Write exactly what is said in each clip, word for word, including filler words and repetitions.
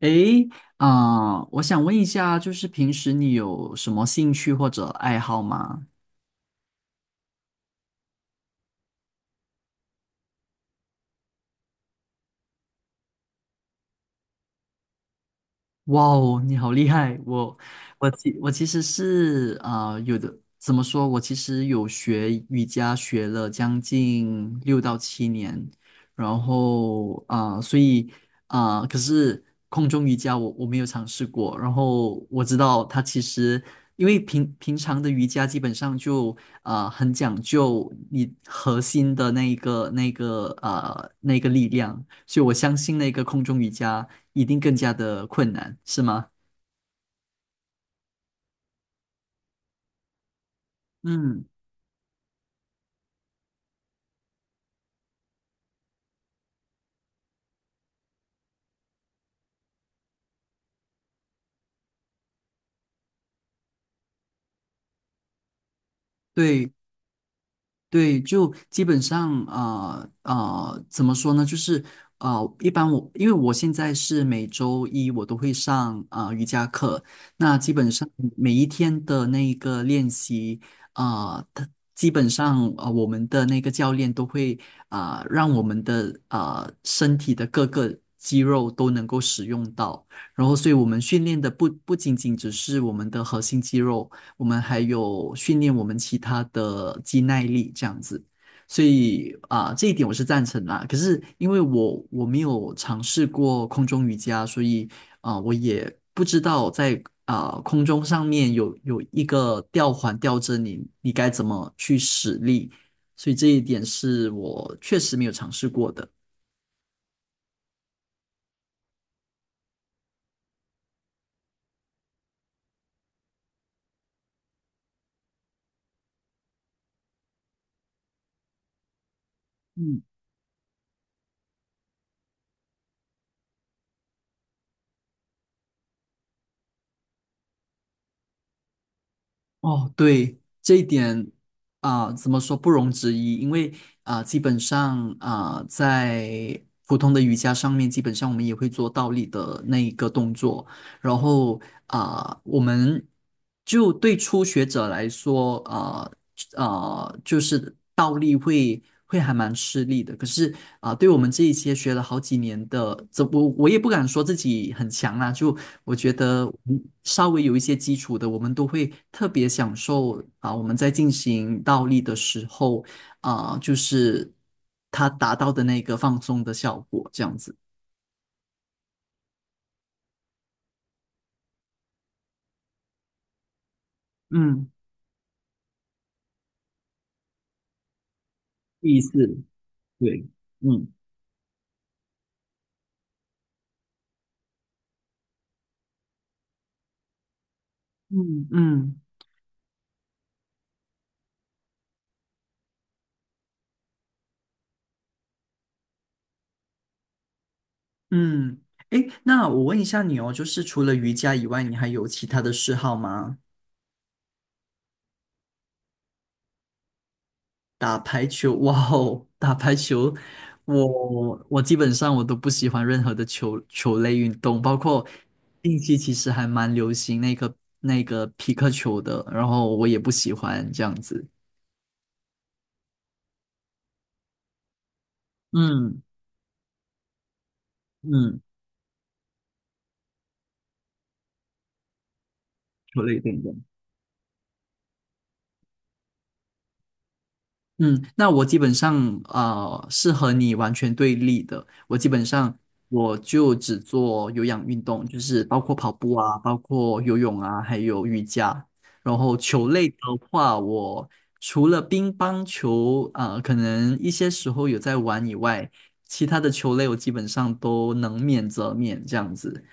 诶，啊、我想问一下，就是平时你有什么兴趣或者爱好吗？哇哦，你好厉害！我我其我其实是啊、呃有的，怎么说？我其实有学瑜伽，学了将近六到七年，然后啊、呃所以啊、呃可是空中瑜伽我我没有尝试过。然后我知道它其实因为平平常的瑜伽基本上就啊、呃很讲究你核心的那一个那个啊那个力量。所以我相信那个空中瑜伽一定更加的困难，是吗？嗯，对，对，就基本上呃呃，怎么说呢？就是呃，一般我因为我现在是每周一我都会上呃瑜伽课，那基本上每一天的那一个练习，呃，它基本上呃我们的那个教练都会啊、呃让我们的啊身体的各个肌肉都能够使用到，然后所以我们训练的不不仅仅只是我们的核心肌肉。我们还有训练我们其他的肌耐力这样子。所以啊、这一点我是赞成啦。可是因为我我没有尝试过空中瑜伽，所以啊、我也不知道在啊、空中上面有有一个吊环吊着你，你该怎么去使力。所以这一点是我确实没有尝试过的。嗯。哦，对，这一点啊，怎么说不容置疑？因为啊，基本上啊，在普通的瑜伽上面，基本上我们也会做倒立的那一个动作。然后啊，我们就对初学者来说，啊，呃，就是倒立会会还蛮吃力的。可是啊、对我们这一些学了好几年的，这我我也不敢说自己很强啊，就我觉得嗯稍微有一些基础的，我们都会特别享受啊、我们在进行倒立的时候啊、就是它达到的那个放松的效果，这样子。嗯，意思，对，嗯嗯嗯。嗯，诶，那我问一下你哦，就是除了瑜伽以外，你还有其他的嗜好吗？打排球，哇哦，打排球，我我基本上我都不喜欢任何的球球类运动，包括近期其实还蛮流行那个那个皮克球的，然后我也不喜欢这样子。嗯嗯，球类运动。嗯，那我基本上呃是和你完全对立的。我基本上我就只做有氧运动，就是包括跑步啊，包括游泳啊，还有瑜伽。然后球类的话，我除了乒乓球，呃，可能一些时候有在玩以外，其他的球类我基本上都能免则免这样子。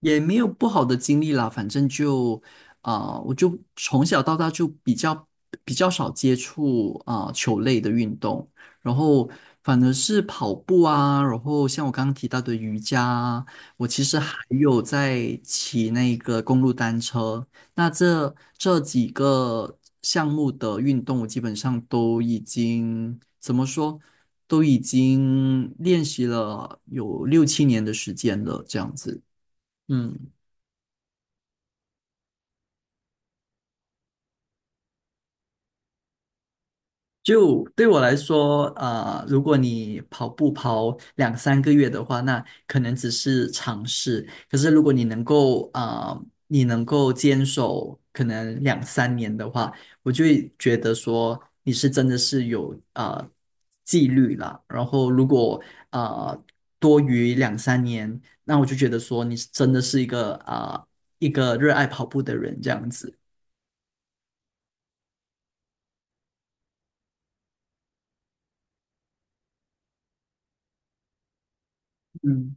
也没有不好的经历啦，反正就啊、呃我就从小到大就比较比较少接触啊、呃球类的运动，然后反而是跑步啊，然后像我刚刚提到的瑜伽啊，我其实还有在骑那个公路单车，那这这几个项目的运动，我基本上都已经怎么说？都已经练习了有六七年的时间了，这样子。嗯，就对我来说，啊、如果你跑步跑两三个月的话，那可能只是尝试。可是如果你能够啊、你能够坚守可能两三年的话，我就会觉得说你是真的是有啊、纪律啦。然后如果啊、多于两三年，那我就觉得说你是真的是一个啊、一个热爱跑步的人这样子。嗯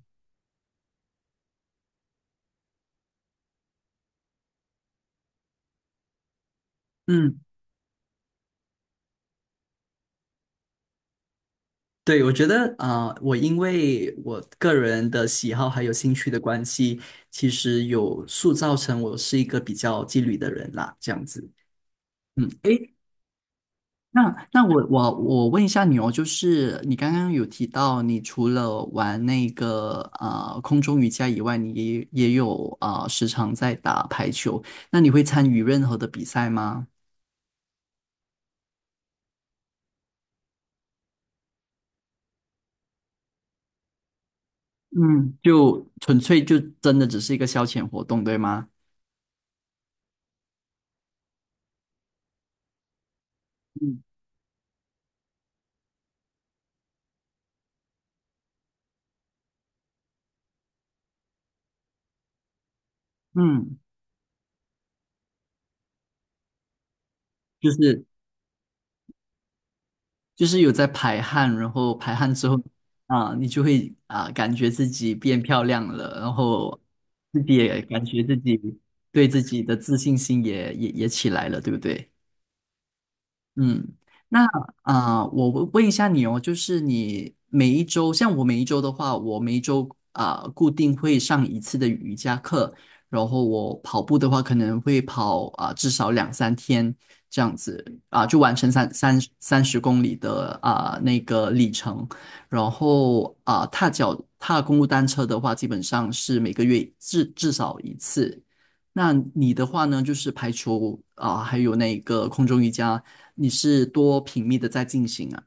嗯。对，我觉得啊、呃我因为我个人的喜好还有兴趣的关系，其实有塑造成我是一个比较纪律的人啦，这样子。嗯，诶，那那我我我问一下你哦，就是你刚刚有提到，你除了玩那个啊空中瑜伽以外，你也也有啊、呃时常在打排球，那你会参与任何的比赛吗？嗯，就纯粹就真的只是一个消遣活动，对吗？嗯嗯。就是就是有在排汗，然后排汗之后啊，你就会啊感觉自己变漂亮了，然后自己也感觉自己对自己的自信心也也也起来了，对不对？嗯，那啊、呃我问问一下你哦，就是你每一周，像我每一周的话，我每一周啊、呃固定会上一次的瑜伽课，然后我跑步的话，可能会跑啊、至少两三天这样子啊、就完成三三三十公里的啊、那个里程，然后啊、踏脚踏公路单车的话，基本上是每个月至至少一次。那你的话呢，就是排除啊、还有那个空中瑜伽。你是多频密的在进行啊？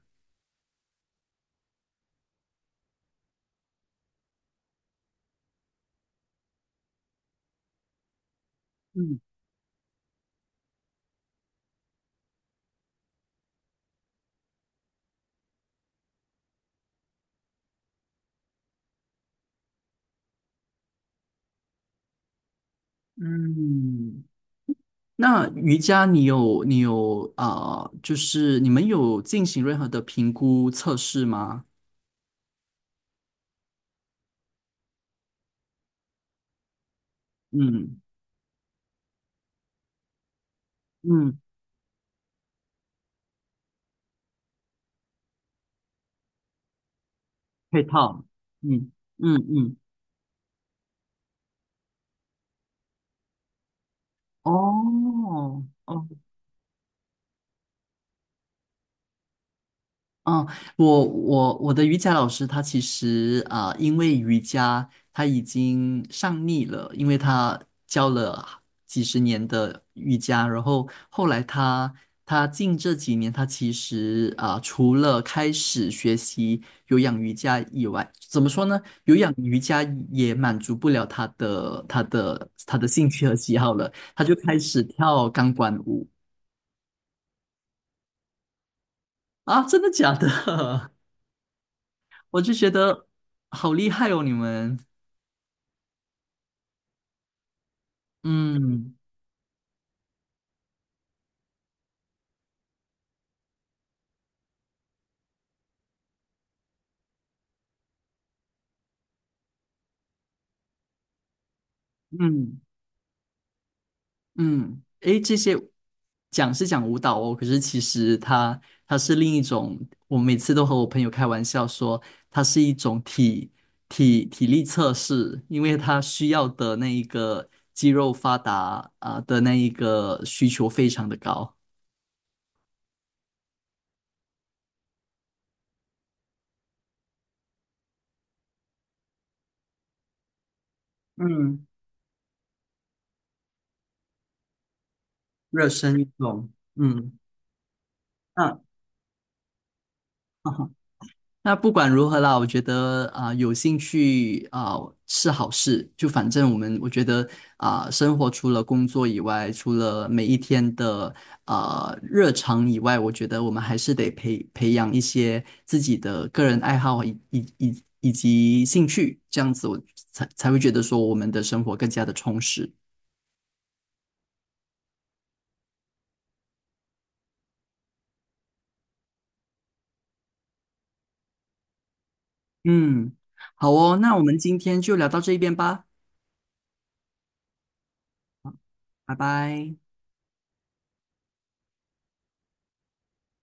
嗯嗯，那瑜伽你有你有啊、呃就是你们有进行任何的评估测试吗？嗯嗯，配套，嗯嗯嗯，哦哦嗯，我我我的瑜伽老师他其实啊、呃因为瑜伽他已经上腻了，因为他教了几十年的瑜伽，然后后来他他近这几年他其实啊、呃除了开始学习有氧瑜伽以外，怎么说呢？有氧瑜伽也满足不了他的他的他的兴趣和喜好了，他就开始跳钢管舞。啊，真的假的？我就觉得好厉害哦，你们，嗯嗯嗯，诶，这些讲是讲舞蹈哦，可是其实它它是另一种，我每次都和我朋友开玩笑说，它是一种体体体力测试，因为它需要的那一个肌肉发达啊、的那一个需求非常的高，嗯，热身运动，嗯，哈。啊那不管如何啦，我觉得啊、有兴趣啊、是好事。就反正我们，我觉得啊、生活除了工作以外，除了每一天的啊、日常以外，我觉得我们还是得培培养一些自己的个人爱好以以以以及兴趣，这样子我才才会觉得说我们的生活更加的充实。嗯，好哦，那我们今天就聊到这一边吧，拜拜。